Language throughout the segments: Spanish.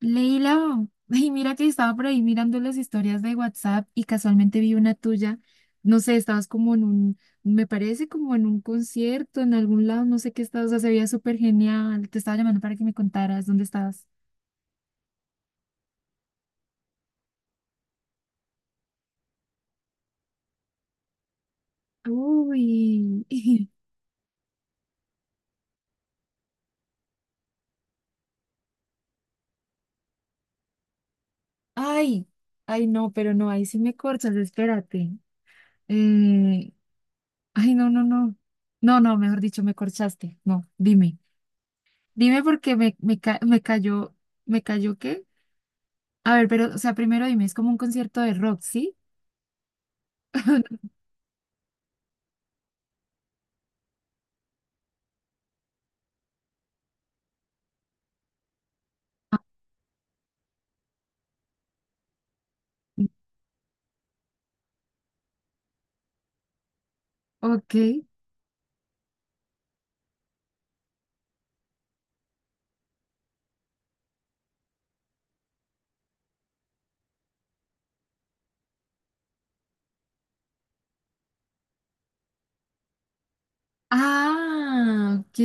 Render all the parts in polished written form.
Leila, ay, mira que estaba por ahí mirando las historias de WhatsApp y casualmente vi una tuya. No sé, estabas como en un, me parece como en un concierto, en algún lado, no sé qué estabas, o sea, se veía súper genial. Te estaba llamando para que me contaras dónde estabas. Uy, ay, ay, no, pero no, ahí sí me corchas, espérate. Eh, Ay, no, no, no. No, no, mejor dicho, me corchaste. No, dime. Dime porque ¿me cayó qué? A ver, pero, o sea, primero dime, ¿es como un concierto de rock, sí? Ah, ok. Ah, ok.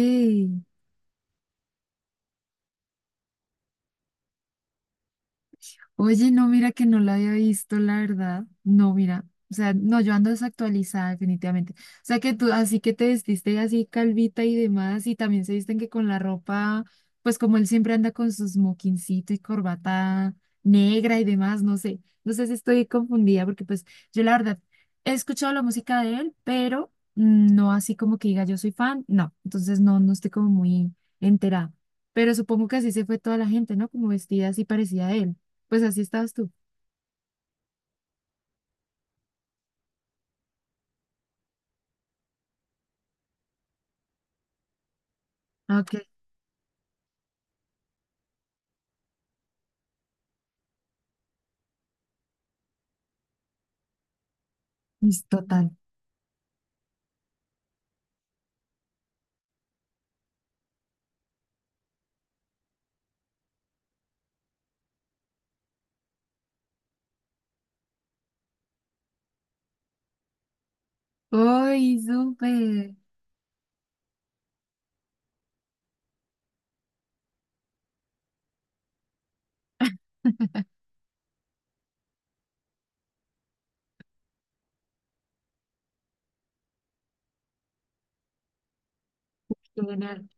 Oye, no, mira que no la había visto, la verdad. No, mira. O sea, no, yo ando desactualizada definitivamente. O sea, que tú así que te vestiste así calvita y demás, y también se visten que con la ropa, pues como él siempre anda con su smokincito y corbata negra y demás, no sé. No sé si estoy confundida, porque pues yo la verdad he escuchado la música de él, pero no así como que diga yo soy fan, no. Entonces no, no estoy como muy enterada. Pero supongo que así se fue toda la gente, ¿no? Como vestida así parecida a él. Pues así estabas tú. Ah, ok, es total. ¡Uy, súper! Qué genial.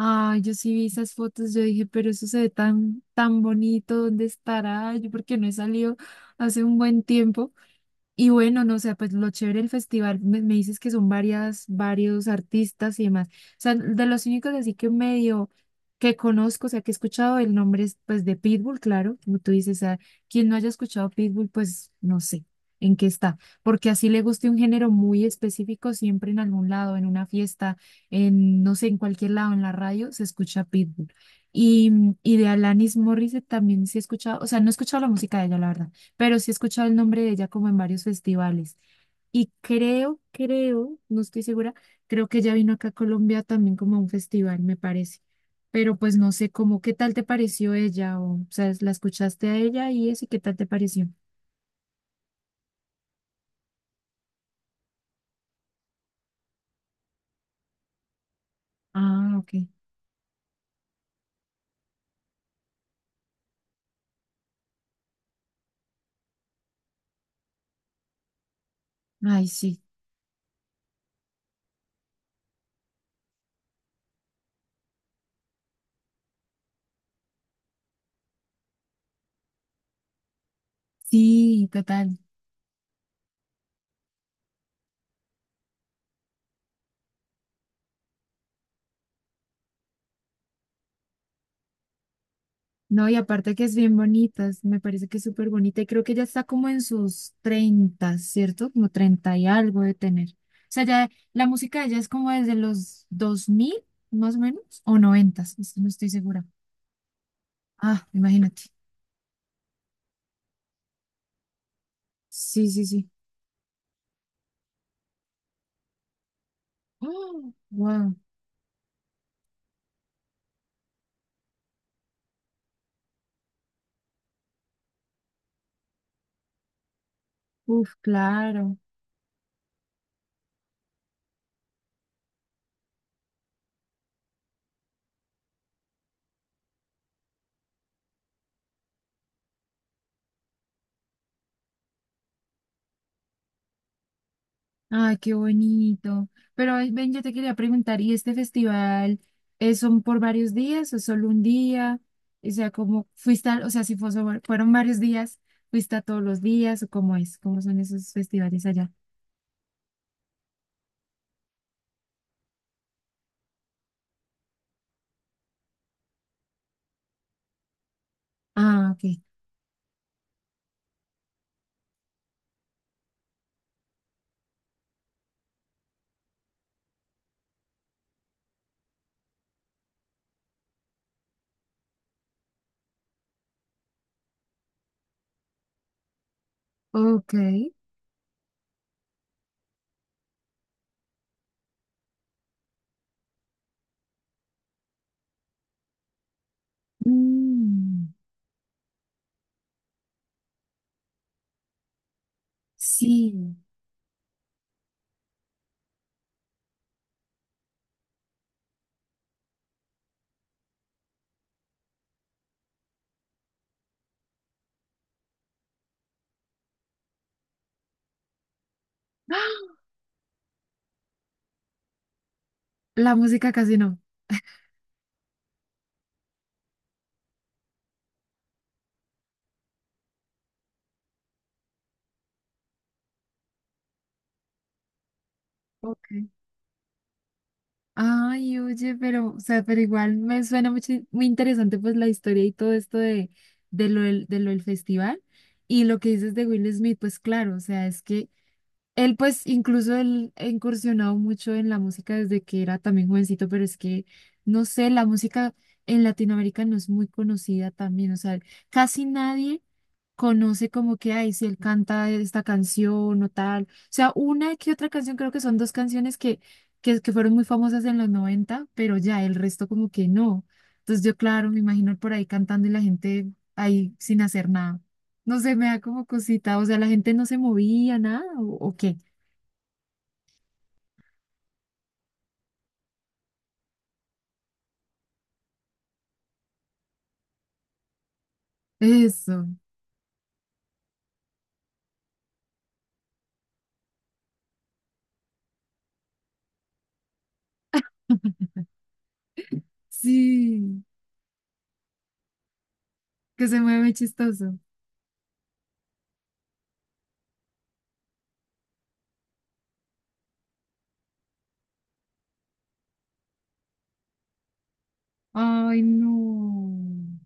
Ay, yo sí vi esas fotos, yo dije, pero eso se ve tan, tan bonito, ¿dónde estará? Yo porque no he salido hace un buen tiempo. Y bueno, no sé, pues lo chévere del festival, me dices que son varios artistas y demás. O sea, de los únicos así que medio que conozco, o sea, que he escuchado el nombre es pues de Pitbull, claro, como tú dices, a quien no haya escuchado Pitbull, pues no sé en qué está, porque así le guste un género muy específico, siempre en algún lado, en una fiesta, en no sé, en cualquier lado, en la radio, se escucha Pitbull. Y, y de Alanis Morissette también sí he escuchado, o sea, no he escuchado la música de ella, la verdad, pero sí he escuchado el nombre de ella como en varios festivales. Y creo, no estoy segura, creo que ella vino acá a Colombia también como a un festival, me parece. Pero pues no sé cómo, ¿qué tal te pareció ella? O sea, ¿la escuchaste a ella y eso? ¿Y qué tal te pareció? Ah, ok. Ay, sí. Sí, total. No, y aparte que es bien bonita, es- me parece que es súper bonita y creo que ya está como en sus 30, ¿cierto? Como 30 y algo de tener. O sea, ya la música de ella es como desde los 2000 más o menos, o 90, no estoy segura. Ah, imagínate. Sí, sí, sí. Wow. Uf, claro. Ay, qué bonito. Pero ay, ven, yo te quería preguntar, ¿y este festival es son por varios días o solo un día? O sea, ¿cómo fuiste al- o sea, si fue sobre- fueron varios días, fuiste a todos los días o cómo es? ¿Cómo son esos festivales allá? Ah, ok. Ok. Mm, sí. ¡Ah! La música casi no. Ok. Ay, oye, pero, o sea, pero igual me suena mucho, muy interesante pues la historia y todo esto de, de lo del festival. Y lo que dices de Will Smith, pues claro, o sea, es que él pues incluso él ha incursionado mucho en la música desde que era también jovencito, pero es que, no sé, la música en Latinoamérica no es muy conocida también, o sea, casi nadie conoce como que, ay, si él canta esta canción o tal, o sea, una que otra canción, creo que son dos canciones que, que fueron muy famosas en los noventa, pero ya el resto como que no. Entonces yo, claro, me imagino por ahí cantando y la gente ahí sin hacer nada. No sé, me da como cosita, o sea, la gente no se movía, nada, o qué. Eso. Sí, que se mueve chistoso. Ay, no.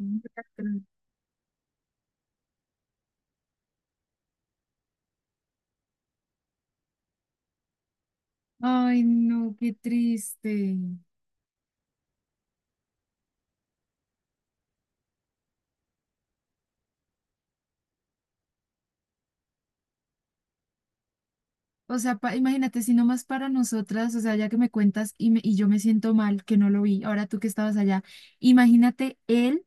Ay, no, qué triste. O sea, pa- imagínate, si nomás para nosotras, o sea, ya que me cuentas y, me- y yo me siento mal que no lo vi, ahora tú que estabas allá, imagínate él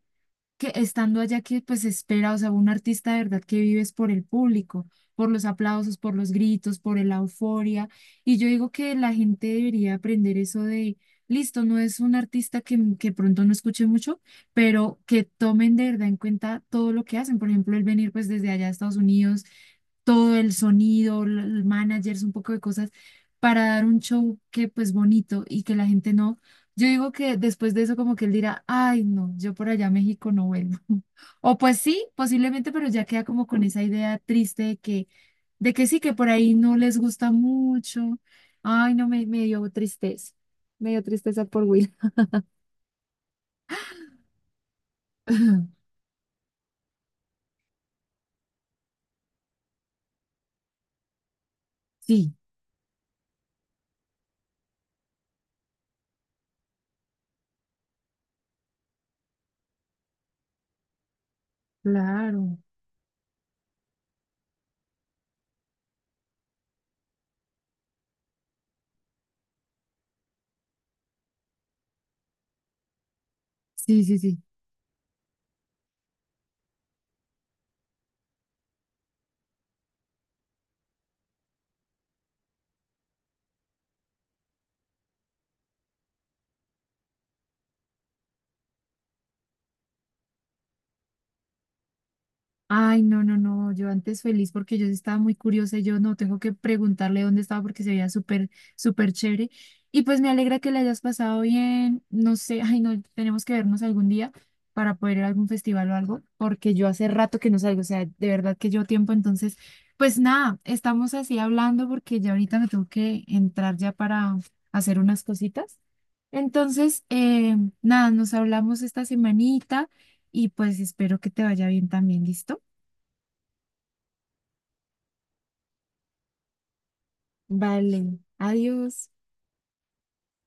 que estando allá que pues espera, o sea, un artista de verdad que vives por el público, por los aplausos, por los gritos, por la euforia. Y yo digo que la gente debería aprender eso de, listo, no es un artista que pronto no escuche mucho, pero que tomen de verdad en cuenta todo lo que hacen. Por ejemplo, el venir pues desde allá a Estados Unidos, todo el sonido, l- el managers, un poco de cosas para dar un show que pues bonito y que la gente no, yo digo que después de eso como que él dirá, ay, no, yo por allá a México no vuelvo. O pues sí, posiblemente, pero ya queda como con esa idea triste de que sí, que por ahí no les gusta mucho. Ay, no, me dio tristeza. Me dio tristeza por Will. Sí, claro. Sí, sí, sí. Ay, no, no, no, yo antes feliz porque yo sí estaba muy curiosa y yo no tengo que preguntarle dónde estaba porque se veía súper, súper chévere. Y pues me alegra que le hayas pasado bien, no sé, ay, no, tenemos que vernos algún día para poder ir a algún festival o algo, porque yo hace rato que no salgo, o sea, de verdad que llevo tiempo, entonces, pues nada, estamos así hablando porque ya ahorita me tengo que entrar ya para hacer unas cositas. Entonces, nada, nos hablamos esta semanita y pues espero que te vaya bien también, ¿listo? Vale, adiós.